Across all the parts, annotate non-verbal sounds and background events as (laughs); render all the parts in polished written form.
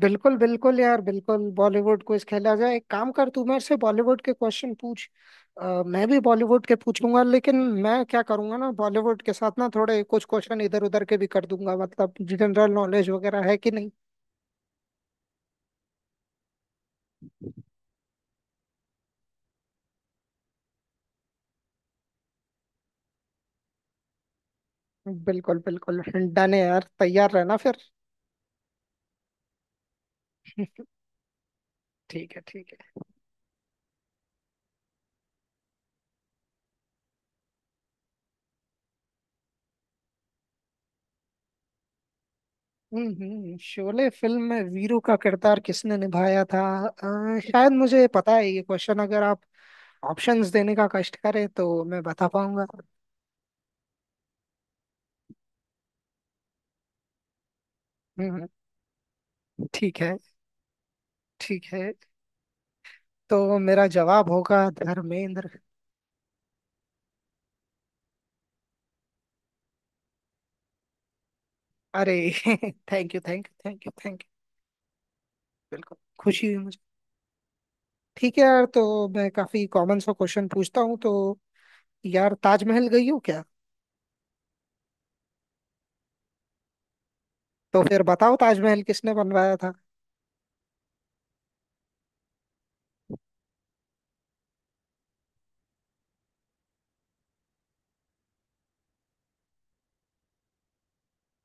बिल्कुल बिल्कुल यार, बिल्कुल बॉलीवुड क्विज खेला जाए। एक काम कर, तू मेरे से बॉलीवुड के क्वेश्चन पूछ। मैं भी बॉलीवुड के पूछूंगा, लेकिन मैं क्या करूंगा ना, बॉलीवुड के साथ ना थोड़े कुछ क्वेश्चन इधर उधर के भी कर दूंगा, मतलब जनरल नॉलेज वगैरह है कि नहीं। बिल्कुल बिल्कुल। डन है यार, तैयार रहना फिर। ठीक है, ठीक है। शोले फिल्म में वीरू का किरदार किसने निभाया था? शायद मुझे पता है ये क्वेश्चन, अगर आप ऑप्शंस देने का कष्ट करें तो मैं बता पाऊंगा। हम्म हम्म। ठीक है। ठीक है, तो मेरा जवाब होगा धर्मेंद्र। अरे (laughs) thank you thank you thank you thank you. बिल्कुल खुशी हुई मुझे। ठीक है यार, तो मैं काफी कॉमन सा क्वेश्चन पूछता हूँ तो। यार, ताजमहल गई हो क्या? तो फिर बताओ, ताजमहल किसने बनवाया था?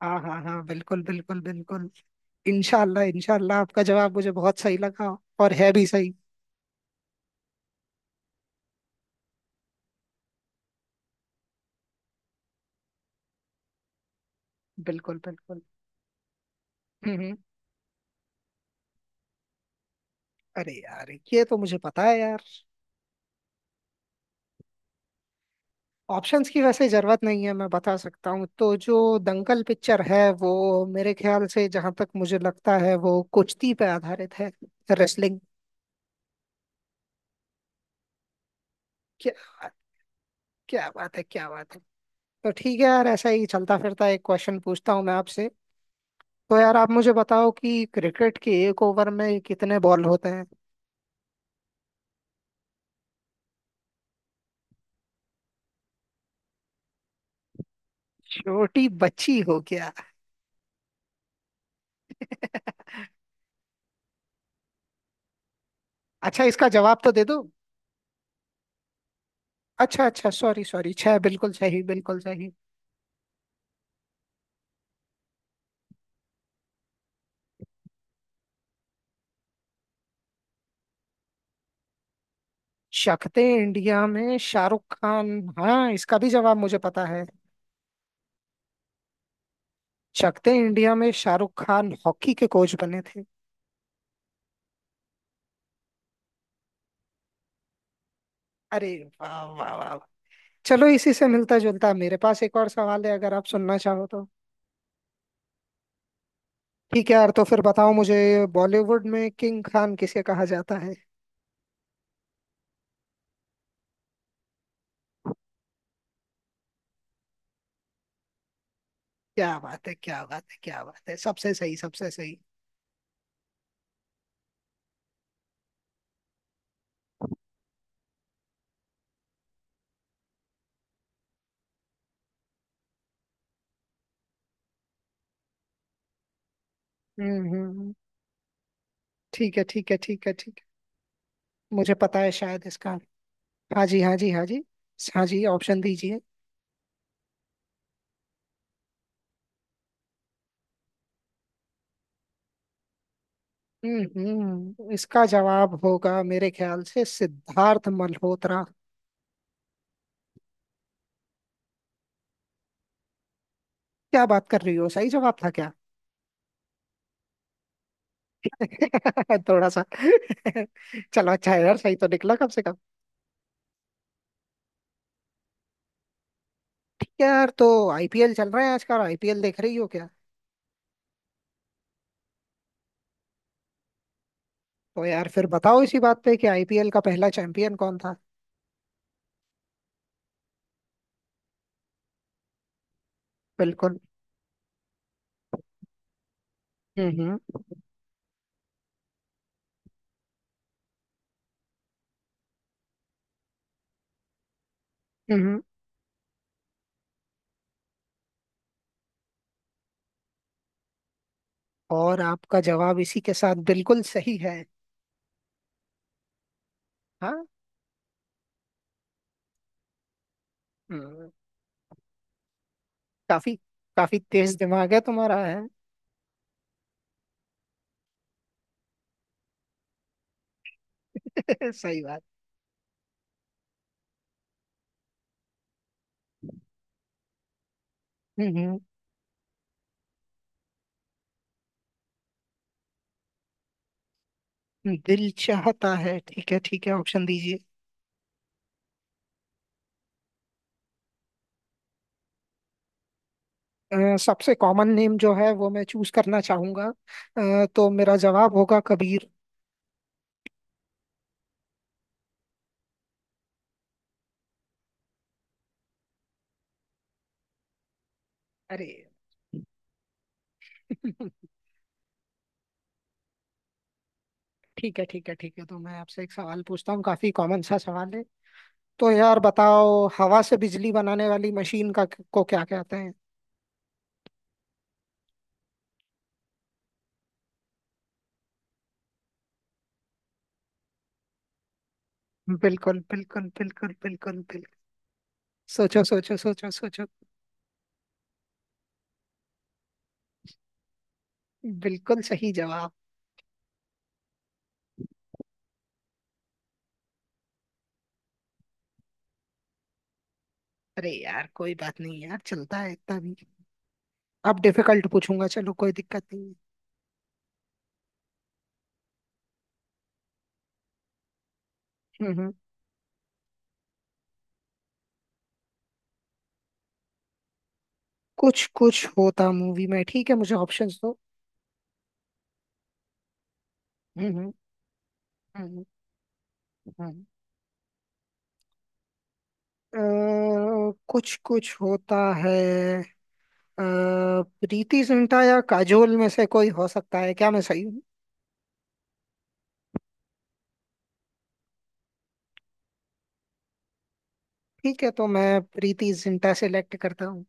हाँ हाँ हाँ, बिल्कुल बिल्कुल बिल्कुल। इंशाल्लाह इंशाल्लाह, आपका जवाब मुझे बहुत सही लगा, और है भी सही। बिल्कुल बिल्कुल। हम्म हम्म। अरे यार ये तो मुझे पता है यार। ऑप्शंस की वैसे जरूरत नहीं है, मैं बता सकता हूँ, तो जो दंगल पिक्चर है वो मेरे ख्याल से, जहां तक मुझे लगता है, वो कुश्ती पे आधारित है। रेसलिंग। क्या बात- क्या बात है, क्या बात है। तो ठीक है यार, ऐसा ही चलता फिरता एक क्वेश्चन पूछता हूँ मैं आपसे। तो यार, आप मुझे बताओ कि क्रिकेट के एक ओवर में कितने बॉल होते हैं? छोटी बच्ची हो क्या? (laughs) अच्छा, इसका जवाब तो दे दो। अच्छा अच्छा, सॉरी सॉरी, छह। बिल्कुल सही, बिल्कुल सही। शक्ते इंडिया में शाहरुख खान, हाँ, इसका भी जवाब मुझे पता है। शक्ते इंडिया में शाहरुख खान हॉकी के कोच बने थे। अरे वाह वाह वाह वाह। चलो, इसी से मिलता जुलता मेरे पास एक और सवाल है, अगर आप सुनना चाहो तो। ठीक है यार, तो फिर बताओ मुझे, बॉलीवुड में किंग खान किसे कहा जाता है? क्या बात है क्या बात है क्या बात है, सबसे सही, सबसे सही। हम्म हम्म हम्म। ठीक है ठीक है ठीक है ठीक है। मुझे पता है शायद इसका। हाँ जी हाँ जी हाँ जी। हाँ जी, ऑप्शन दीजिए। इसका जवाब होगा मेरे ख्याल से सिद्धार्थ मल्होत्रा। क्या बात कर रही हो, सही जवाब था क्या? (laughs) थोड़ा सा। (laughs) चलो, अच्छा है यार, सही तो निकला कम से कम। ठीक है यार, तो आईपीएल चल रहा है आजकल, आईपीएल देख रही हो क्या? तो यार, फिर बताओ इसी बात पे कि आईपीएल का पहला चैंपियन कौन था? बिल्कुल। हम्म हम्म हम्म। और आपका जवाब इसी के साथ बिल्कुल सही है। हाँ। हम्म। काफी काफी तेज दिमाग है तुम्हारा है। (laughs) सही बात। हम्म हम्म। दिल चाहता है, ठीक है ठीक है, ऑप्शन दीजिए। सबसे कॉमन नेम जो है वो मैं चूज करना चाहूंगा। तो मेरा जवाब होगा कबीर। अरे (laughs) ठीक है ठीक है ठीक है, तो मैं आपसे एक सवाल पूछता हूँ, काफी कॉमन सा सवाल है। तो यार बताओ, हवा से बिजली बनाने वाली मशीन का को क्या कहते हैं? बिल्कुल बिल्कुल बिल्कुल बिल्कुल बिल्कुल। सोचो सोचो सोचो सोचो। बिल्कुल सही जवाब। अरे यार, कोई बात नहीं यार, चलता है इतना भी। अब डिफिकल्ट पूछूंगा, चलो कोई दिक्कत नहीं है। हम्म। कुछ कुछ होता मूवी में, ठीक है मुझे ऑप्शंस दो। हम्म हम्म हम्म, हम्म। अ, कुछ कुछ होता है। अ, प्रीति जिंटा या काजोल में से कोई हो सकता है, क्या मैं सही हूँ? ठीक है, तो मैं प्रीति जिंटा सेलेक्ट करता हूँ।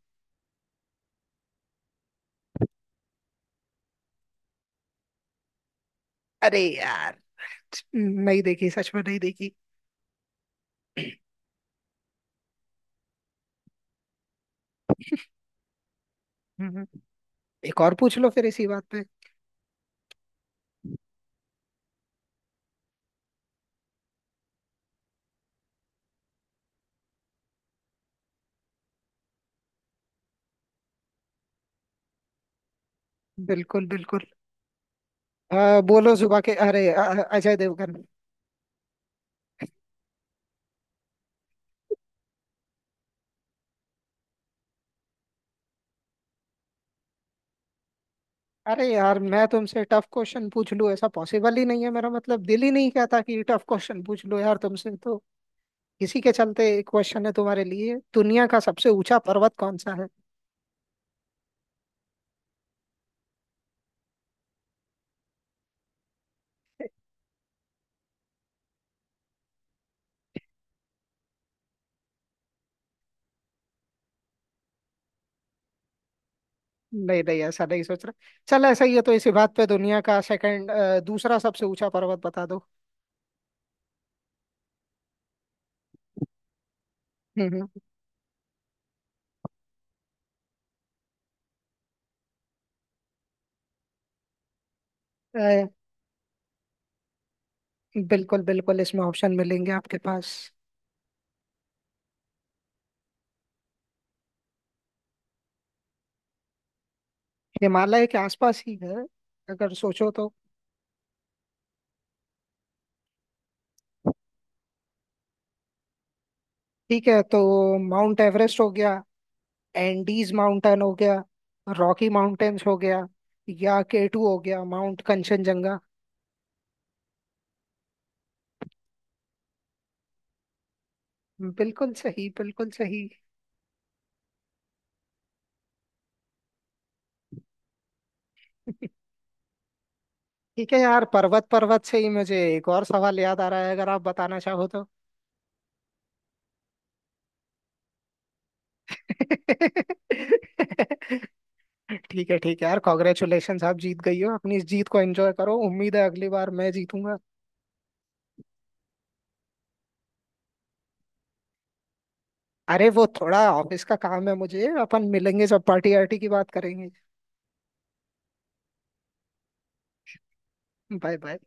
अरे यार, नहीं देखी, सच में नहीं देखी। हम्म, हम्म। एक और पूछ लो फिर इसी बात पे। हम्म। बिल्कुल बिल्कुल। बोलो सुबह के अरे अजय देवगन। अरे यार, मैं तुमसे टफ क्वेश्चन पूछ लूं ऐसा पॉसिबल ही नहीं है, मेरा मतलब दिल ही नहीं कहता कि टफ क्वेश्चन पूछ लूं यार तुमसे तो। इसी के चलते एक क्वेश्चन है तुम्हारे लिए, दुनिया का सबसे ऊंचा पर्वत कौन सा है? (laughs) नहीं नहीं, ऐसा नहीं सोच रहा। चल, ऐसा ही है तो इसी बात पे दुनिया का सेकंड, दूसरा सबसे ऊंचा पर्वत बता दो। हम्म हम्म, अ, बिल्कुल बिल्कुल, इसमें ऑप्शन मिलेंगे आपके पास। हिमालय के आसपास ही है अगर सोचो तो। ठीक है, तो माउंट एवरेस्ट हो गया, एंडीज माउंटेन हो गया, रॉकी माउंटेन्स हो गया, या केटू हो गया, माउंट कंचनजंगा। बिल्कुल सही, बिल्कुल सही। (laughs) ठीक है यार, पर्वत पर्वत से ही मुझे एक और सवाल याद आ रहा है, अगर आप बताना चाहो तो। (laughs) ठीक है यार, कॉन्ग्रेचुलेशन, आप जीत गई हो, अपनी इस जीत को एंजॉय करो, उम्मीद है अगली बार मैं जीतूंगा। अरे वो थोड़ा ऑफिस का काम है मुझे, अपन मिलेंगे जब पार्टी आर्टी की बात करेंगे। Bye bye.